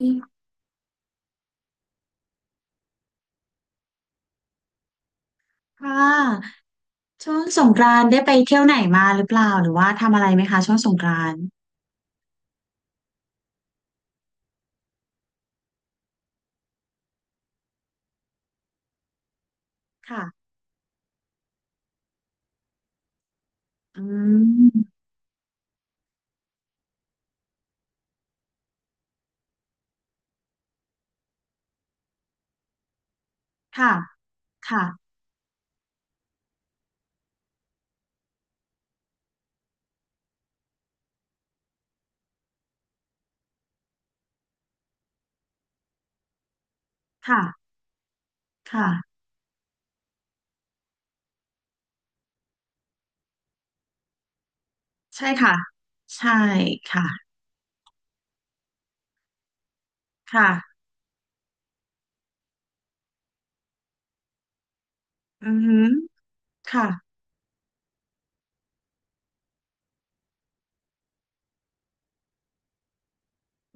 ดีค่ะช่วงสงกรานต์ได้ไปเที่ยวไหนมาหรือเปล่าหรือว่าทำอะไรไหมคะช่วงสงกรานต์ค่ะอืมค่ะค่ะค่ะค่ะใช่ค่ะใช่ค่ะค่ะอือหือค่ะ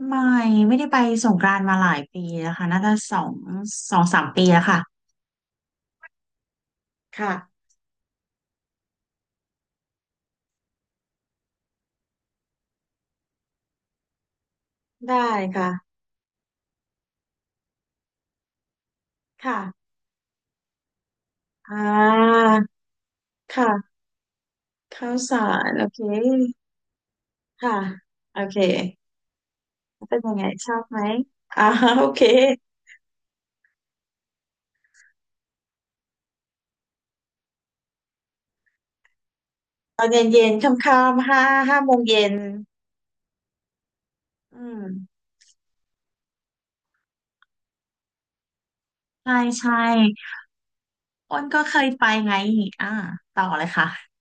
ไม่ไม่ได้ไปสงกรานต์มาหลายปีแล้วค่ะน่าจะสองสามปีแล้วค่ะค่ะได้ค่ะค่ะอ่าค่ะข้าวสารโอเคค่ะโอเคเป็นยังไงชอบไหมอ่าโอเค ตอนเย็นค่ำๆห้าโมงเย็นอืมใช่ใช่อ้นก็เคยไปไงอ่าต่อเลยค่ะ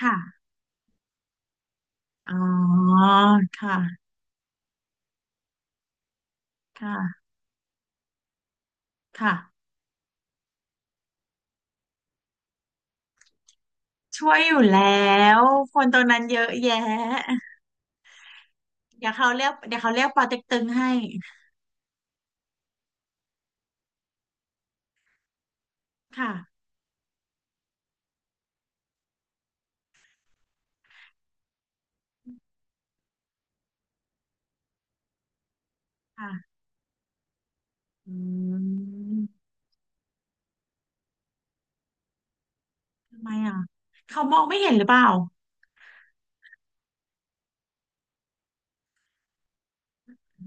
ค่ะ อ๋อค่ะ ค่ะค่ะช่วยอยู่แล้วคนตรงนั้นเยอะแยะ เดี๋ยวเขาเรียกเดี๋ยวเขาเรียกปอเต็กตึงให้ ค่ะ ค่ะ อืม ทำไมอ่ะ เขามองไม่เห็นหรือเปล่า อื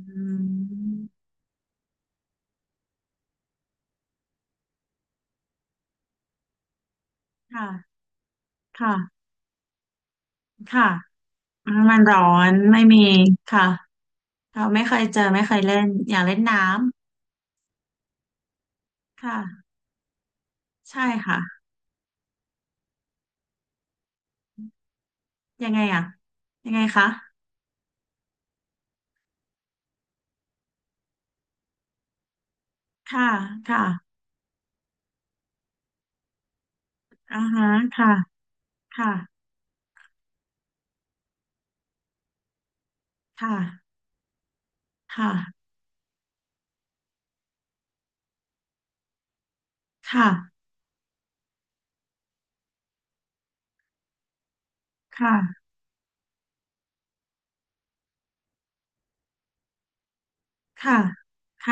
ม ค่ะ ค่ะค่ะมันร้อนไม่มี ค่ะ เราไม่เคยเจอไม่เคยเล่นอยากเล่นน้ำค่ะใช่ค่ะยังไงอ่ะยังไงคะค่ะค่ะอ่าฮะค่ะค่ะค่ะค่ะค่ะค่ะค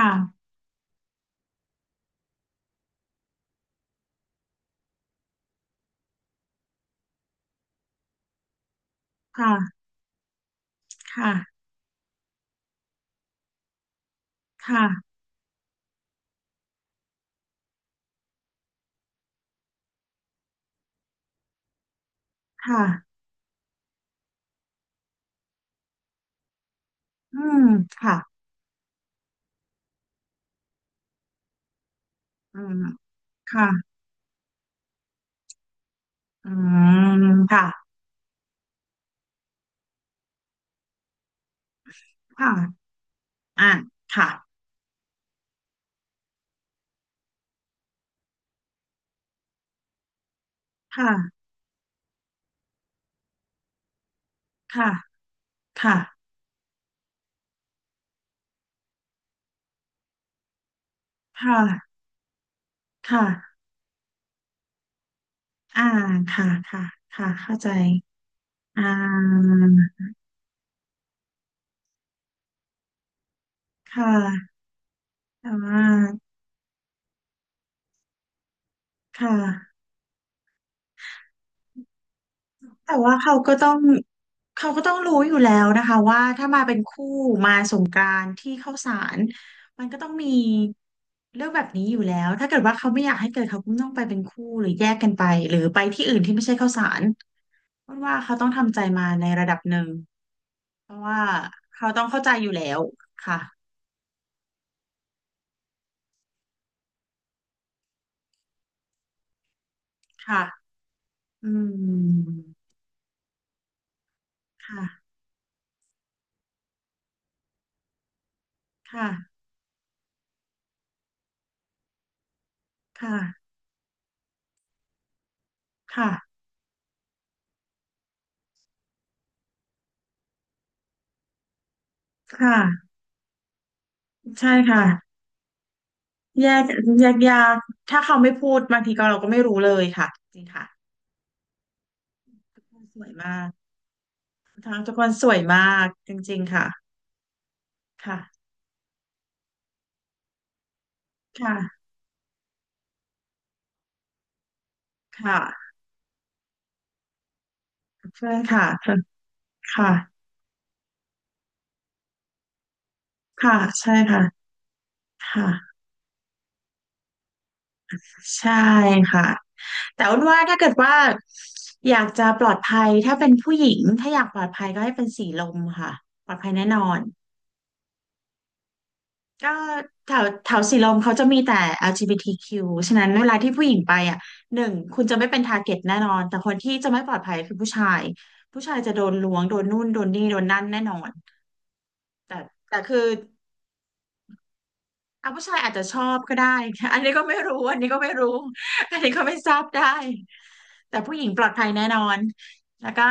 ่ะค่ะค่ะค่ะค่ะค่ะอืมค่ะอืมค่ะอืมค่ะค่ะอ่าค่ะค่ะค่ะค่ะค่ะค่ะอ่าค่ะค่ะค่ะเข้าใจอ่าค่ะ อ่าค่ะแต่ว่าเขาก็ต้องรู้อยู่แล้วนะคะว่าถ้ามาเป็นคู่มาสงกรานต์ที่เข้าสารมันก็ต้องมีเรื่องแบบนี้อยู่แล้วถ้าเกิดว่าเขาไม่อยากให้เกิดเขาก็ต้องไปเป็นคู่หรือแยกกันไปหรือไปที่อื่นที่ไม่ใช่เข้าสารเพราะว่าเขาต้องทำใจมาในระดับหนึ่งเพราะว่าเขาต้องเข้าใจอยู่แล้วค่ะค่ะอืมค่ะค่ะค่ะค่ะค่ะใช่ค่ะ แยกยากถ้าเขาไม่พูดบางทีก็เราก็ไม่รู้เลยค่ะจริงค่ะทุกคนสวยมากทั้งทุกคนสวยมากจริงๆค่ะค่ะค่ะค่ะเพื่อนค่ะเพื่อนค่ะค่ะใช่ค่ะค่ะใช่ค่ะแต่อ้วนว่าถ้าเกิดว่าอยากจะปลอดภัยถ้าเป็นผู้หญิงถ้าอยากปลอดภัยก็ให้เป็นสีลมค่ะปลอดภัยแน่นอน ก็แถวแถวสีลมเขาจะมีแต่ LGBTQ ฉะนั้นเวลาที่ผู้หญิงไปอ่ะหนึ่งคุณจะไม่เป็นทาร์เก็ตแน่นอนแต่คนที่จะไม่ปลอดภัยคือผู้ชายผู้ชายจะโดนล้วงโดนนู่นโดนนี่โดนนั่นแน่นอนแต่คืออ่ะผู้ชายอาจจะชอบก็ได้ อันนี้ก็ไม่รู้อันนี้ก็ไม่รู้ อันนี้ก็ไม่ทราบได้แต่ผู้หญิงปลอดภัยแน่นอนแล้วก็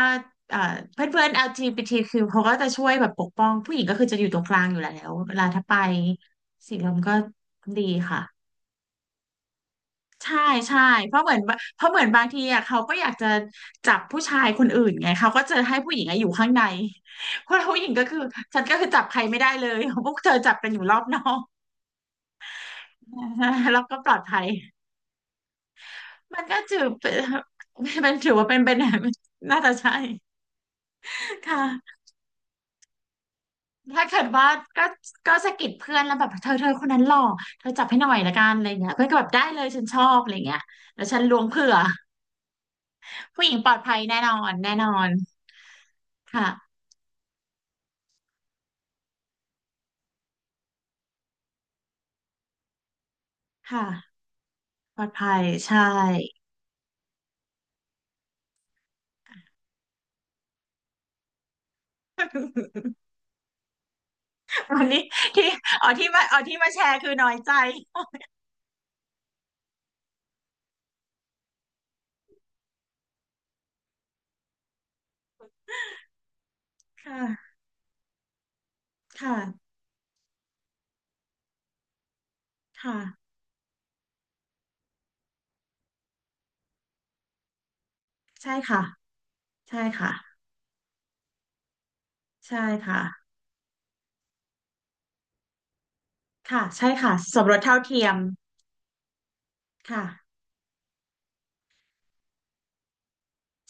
เอ่อเพื่อนเพื่อน LGBTQ เขาก็จะช่วยแบบปกป้องผู้หญิงก็คือจะอยู่ตรงกลางอยู่แล้วเวลาถ้าไปสีลมก็ดีค่ะ ใช่ใช่เพราะเหมือนเพราะเหมือนบางทีอ่ะเขาก็อยากจะจับผู้ชายคนอื่นไงเขาก็จะให้ผู้หญิงอะอยู่ข้างในเพราะผู้หญิงก็คือฉันก็คือจับใครไม่ได้เลยพวกเธอจับกันอยู่รอบนอก แล้วก็ปลอดภัยมันก็ถือเป็นถือว่าเป็นน่าจะใช่ค่ะถ้าเกิดว่าก็สะกิดเพื่อนแล้วแบบเธอคนนั้นหล่อเธอจับให้หน่อยละกันอะไรเงี้ยเพื่อนก็แบบได้เลยฉันชอบอะไรเงี้ยแล้วฉันล้วงเผื่อผู้หญิงปลอดภัยแน่นอนแน่นอนค่ะค่ะ ปลอดภัยใช่ วันนี้ที่อ๋อที่มาแชร์คือน้อยใจ ค่ะ ค่ะ ค่ะ ใช่ค่ะใช่ค่ะใช่ค่ะค่ะใช่ค่ะ สมรสเท่าเทียมค่ะ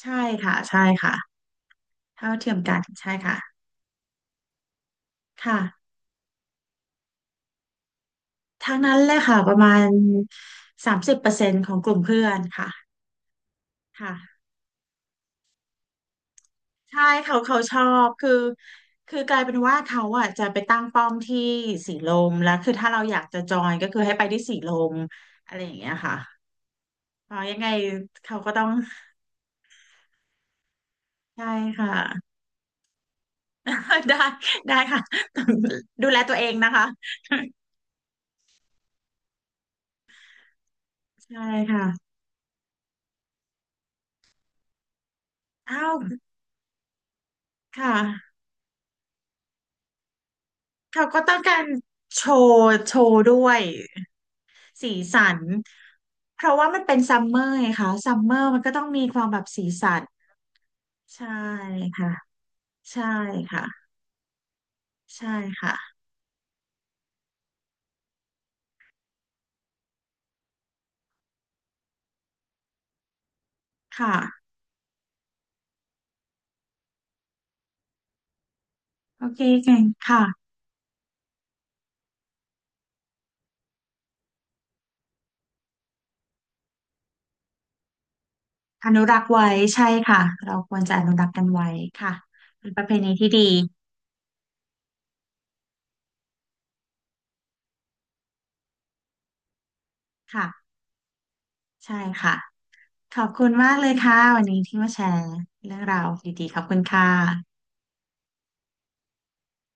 ใช่ค่ะ ใช่ค่ะ เท่าเทียมกันใช่ค่ะค่ะทั้งนั้นเลยค่ะประมาณ30%ของกลุ่มเพื่อนค่ะค่ะ ใช่เขาชอบคือกลายเป็นว่าเขาอ่ะจะไปตั้งป้อมที่สีลมแล้วคือถ้าเราอยากจะจอยก็คือให้ไปที่สีลมอะไรอย่างเงี้ยค่ะเพราะยังไงเขาก็ต้องใช่ค่ะ ได้ได้ค่ะดูแลตัวเองนะคะใช่ค่ะอ้าวค่ะเขาก็ต้องการโชว์ด้วยสีสันเพราะว่ามันเป็นซัมเมอร์ไงคะซัมเมอร์มันก็ต้องมีความแบบสีสันใช่ค่ะใช่ค่ะ ใช่ค่ะค่ะ โอเคเก่งค่ะ อนุรักษ์ไว้ใช่ค่ะ เราควรจะอนุรักษ์กันไว้ค่ะ เป็นประเพณีที่ดี ค่ะ ใช่ค่ะ ขอบคุณมากเลยค่ะ วันนี้ที่มาแชร์เรื่องราวดีๆ ขอบคุณค่ะ